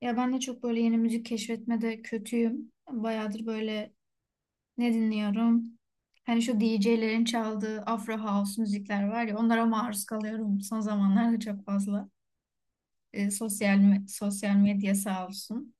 Ya ben de çok böyle yeni müzik keşfetmede kötüyüm. Bayağıdır böyle ne dinliyorum? Hani şu DJ'lerin çaldığı Afro House müzikler var ya, onlara maruz kalıyorum son zamanlarda çok fazla. Sosyal medya sağ olsun.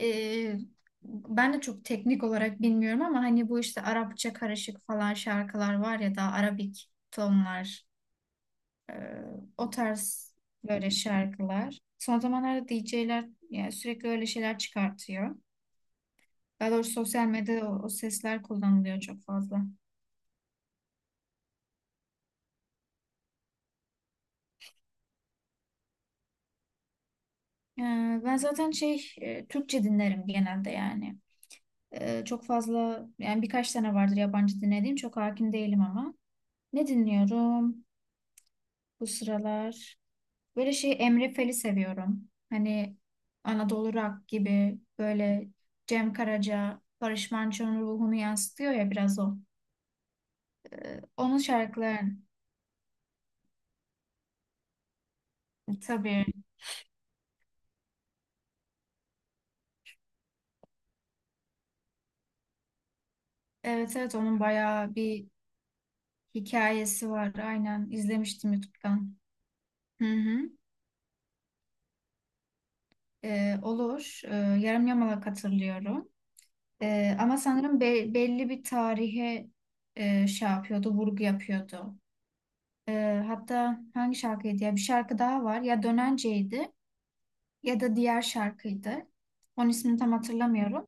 Ee, ben de çok teknik olarak bilmiyorum ama hani bu işte Arapça karışık falan şarkılar var ya da Arabik tonlar, o tarz böyle şarkılar. Son zamanlarda DJ'ler yani sürekli öyle şeyler çıkartıyor. Daha doğrusu sosyal medyada o sesler kullanılıyor çok fazla. Ee, ben zaten şey Türkçe dinlerim genelde yani. Çok fazla yani, birkaç tane vardır yabancı dinlediğim, çok hakim değilim ama. Ne dinliyorum bu sıralar? Böyle şey, Emre Fel'i seviyorum. Hani Anadolu Rock gibi, böyle Cem Karaca, Barış Manço'nun ruhunu yansıtıyor ya biraz o. Onun şarkıları tabii. Evet, evet, onun bayağı bir hikayesi var. Aynen, izlemiştim YouTube'dan. Hı hı. Olur. Yarım yamalak hatırlıyorum. Ama sanırım belli bir tarihe şey yapıyordu, vurgu yapıyordu. Hatta hangi şarkıydı ya? Bir şarkı daha var. Ya Dönence'ydi ya da diğer şarkıydı. Onun ismini tam hatırlamıyorum.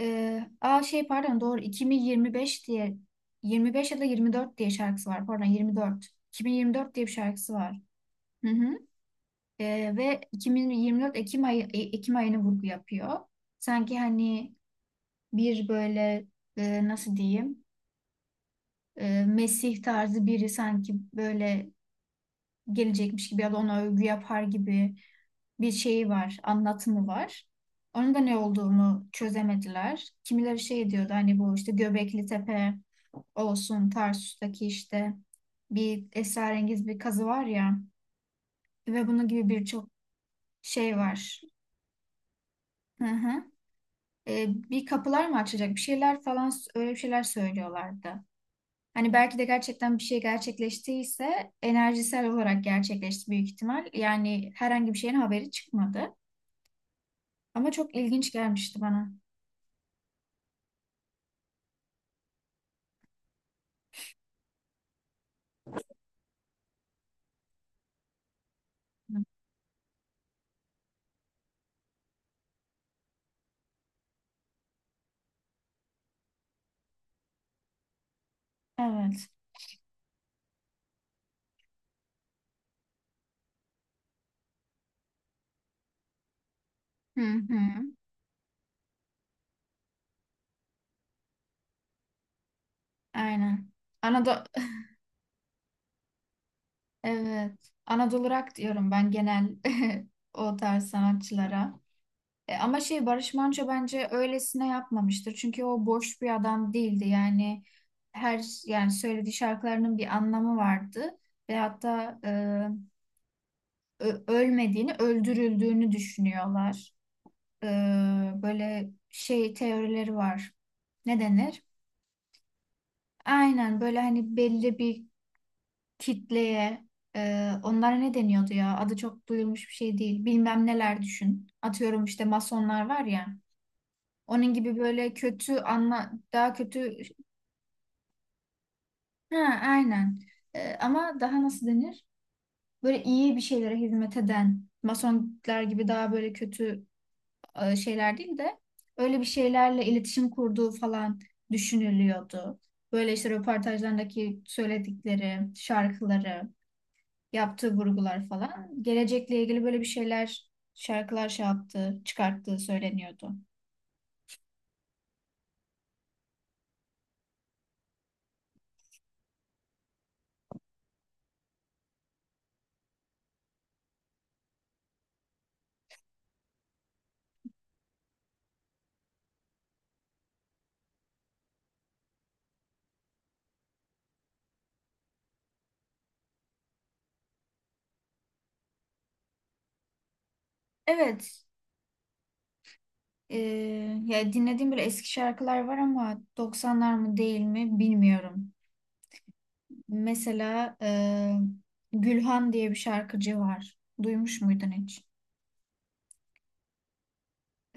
Aa şey pardon, doğru, 2025 diye, 25 ya da 24 diye şarkısı var. Pardon, 24. 2024 diye bir şarkısı var. Hı hı. Ve 2024 Ekim ayı, Ekim ayını vurgu yapıyor. Sanki hani bir böyle, nasıl diyeyim, Mesih tarzı biri sanki böyle gelecekmiş gibi ya da ona övgü yapar gibi bir şeyi var, anlatımı var. Onun da ne olduğunu çözemediler. Kimileri şey diyordu, hani bu işte Göbekli Tepe olsun, Tarsus'taki işte bir esrarengiz bir kazı var ya, ve bunun gibi birçok şey var. Hı hı. Bir kapılar mı açacak bir şeyler falan, öyle bir şeyler söylüyorlardı. Hani belki de gerçekten bir şey gerçekleştiyse enerjisel olarak gerçekleşti büyük ihtimal. Yani herhangi bir şeyin haberi çıkmadı. Ama çok ilginç gelmişti bana. Hı. Evet. Hı hı. Aynen. Anadolu evet. Anadolu rock diyorum ben genel o tarz sanatçılara. Ama şey, Barış Manço bence öylesine yapmamıştır. Çünkü o boş bir adam değildi. Yani her yani söylediği şarkılarının bir anlamı vardı ve hatta ölmediğini, öldürüldüğünü düşünüyorlar. E, böyle şey, teorileri var. Ne denir? Aynen, böyle hani belli bir kitleye, onlara ne deniyordu ya? Adı çok duyulmuş bir şey değil. Bilmem neler düşün. Atıyorum, işte masonlar var ya. Onun gibi, böyle kötü anla, daha kötü. Ha, aynen. Ama daha nasıl denir? Böyle iyi bir şeylere hizmet eden masonlar gibi daha böyle kötü şeyler değil de, öyle bir şeylerle iletişim kurduğu falan düşünülüyordu. Böyle işte röportajlarındaki söyledikleri, şarkıları, yaptığı vurgular falan gelecekle ilgili böyle bir şeyler, şarkılar şey yaptığı, çıkarttığı söyleniyordu. Evet. Ee, ya dinlediğim böyle eski şarkılar var ama 90'lar mı değil mi bilmiyorum. Mesela Gülhan diye bir şarkıcı var. Duymuş muydun hiç?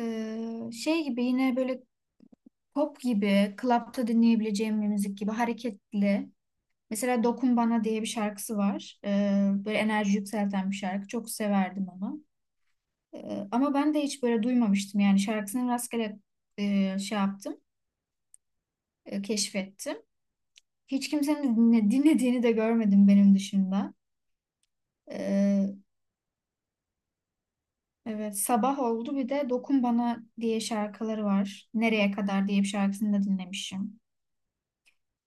Şey gibi, yine böyle pop gibi, klapta dinleyebileceğim bir müzik gibi, hareketli. Mesela Dokun Bana diye bir şarkısı var. Böyle enerji yükselten bir şarkı. Çok severdim onu. Ama ben de hiç böyle duymamıştım yani, şarkısını rastgele şey yaptım, keşfettim. Hiç kimsenin dinlediğini de görmedim benim dışında. Ee, evet, sabah oldu bir de, Dokun Bana diye şarkıları var. Nereye kadar diye bir şarkısını da dinlemişim.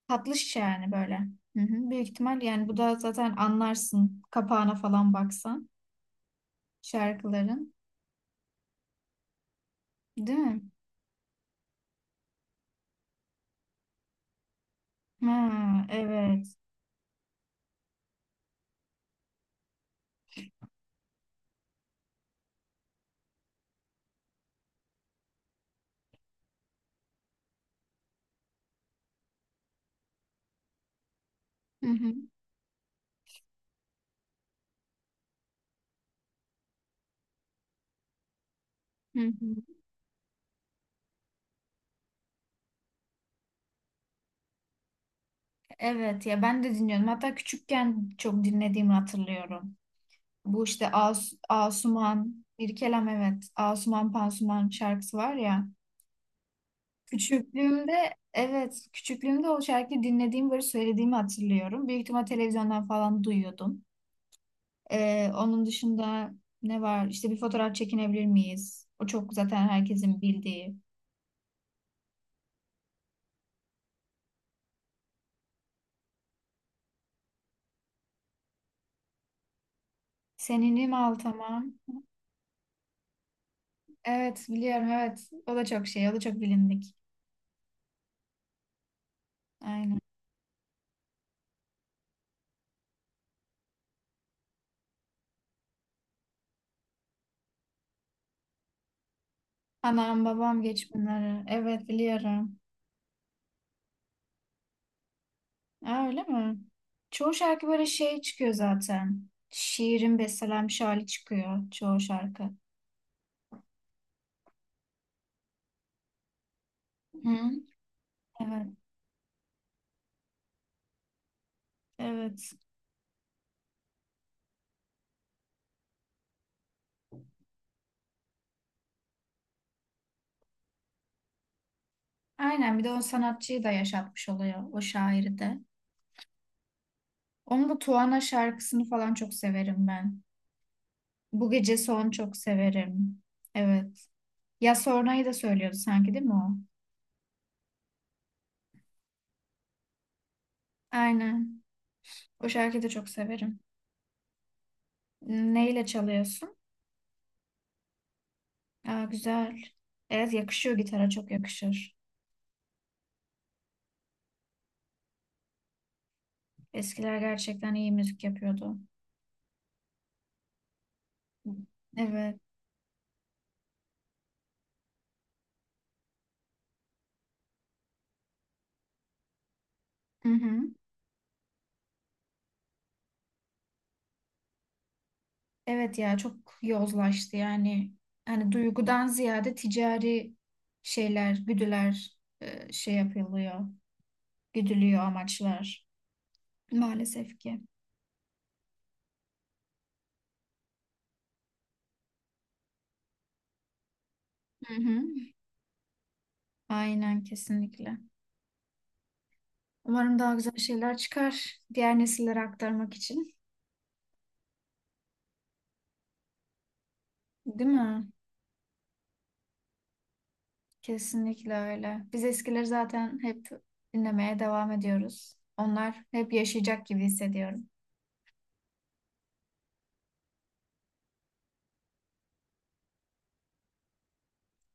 Tatlı şişe yani böyle. Hı hı. Büyük ihtimal yani, bu da zaten anlarsın kapağına falan baksan şarkıların. Değil mi? Ha, evet. Hı hı. Hı hı. Evet ya, ben de dinliyorum. Hatta küçükken çok dinlediğimi hatırlıyorum. Bu işte Asuman, İrkelem, evet. Asuman Pansuman şarkısı var ya. Küçüklüğümde, evet, küçüklüğümde o şarkıyı dinlediğim, böyle söylediğimi hatırlıyorum. Büyük ihtimal televizyondan falan duyuyordum. Onun dışında ne var? İşte, bir fotoğraf çekinebilir miyiz? O çok zaten, herkesin bildiği. Seninim Altamam. Evet, biliyorum, evet. O da çok şey, o da çok bilindik. Aynen. Anam babam geç bunları. Evet, biliyorum. Aa, öyle mi? Çoğu şarkı böyle şey çıkıyor zaten. Şiirin bestelenmiş hali çıkıyor çoğu şarkı. Hı? Evet, evet. Aynen, bir de o sanatçıyı da yaşatmış oluyor, o şairi de. Onun bu Tuana şarkısını falan çok severim ben. Bu gece son, çok severim. Evet. Ya Sonra'yı da söylüyordu sanki değil mi o? Aynen. O şarkıyı da çok severim. Neyle çalıyorsun? Aa, güzel. Evet, yakışıyor, gitara çok yakışır. Eskiler gerçekten iyi müzik yapıyordu. Evet. Hı hı. Evet ya, çok yozlaştı yani. Hani duygudan ziyade ticari şeyler, güdüler şey yapılıyor. Güdülüyor amaçlar. Maalesef ki. Hı hı. Aynen, kesinlikle. Umarım daha güzel şeyler çıkar, diğer nesillere aktarmak için. Değil mi? Kesinlikle öyle. Biz eskileri zaten hep dinlemeye devam ediyoruz. Onlar hep yaşayacak gibi hissediyorum.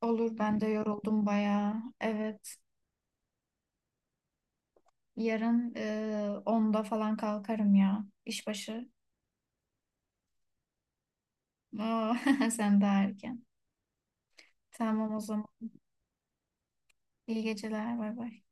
Olur, ben de yoruldum bayağı. Evet. Yarın 10'da falan kalkarım ya. İşbaşı. Oo, sen daha erken. Tamam o zaman. İyi geceler. Bay bay.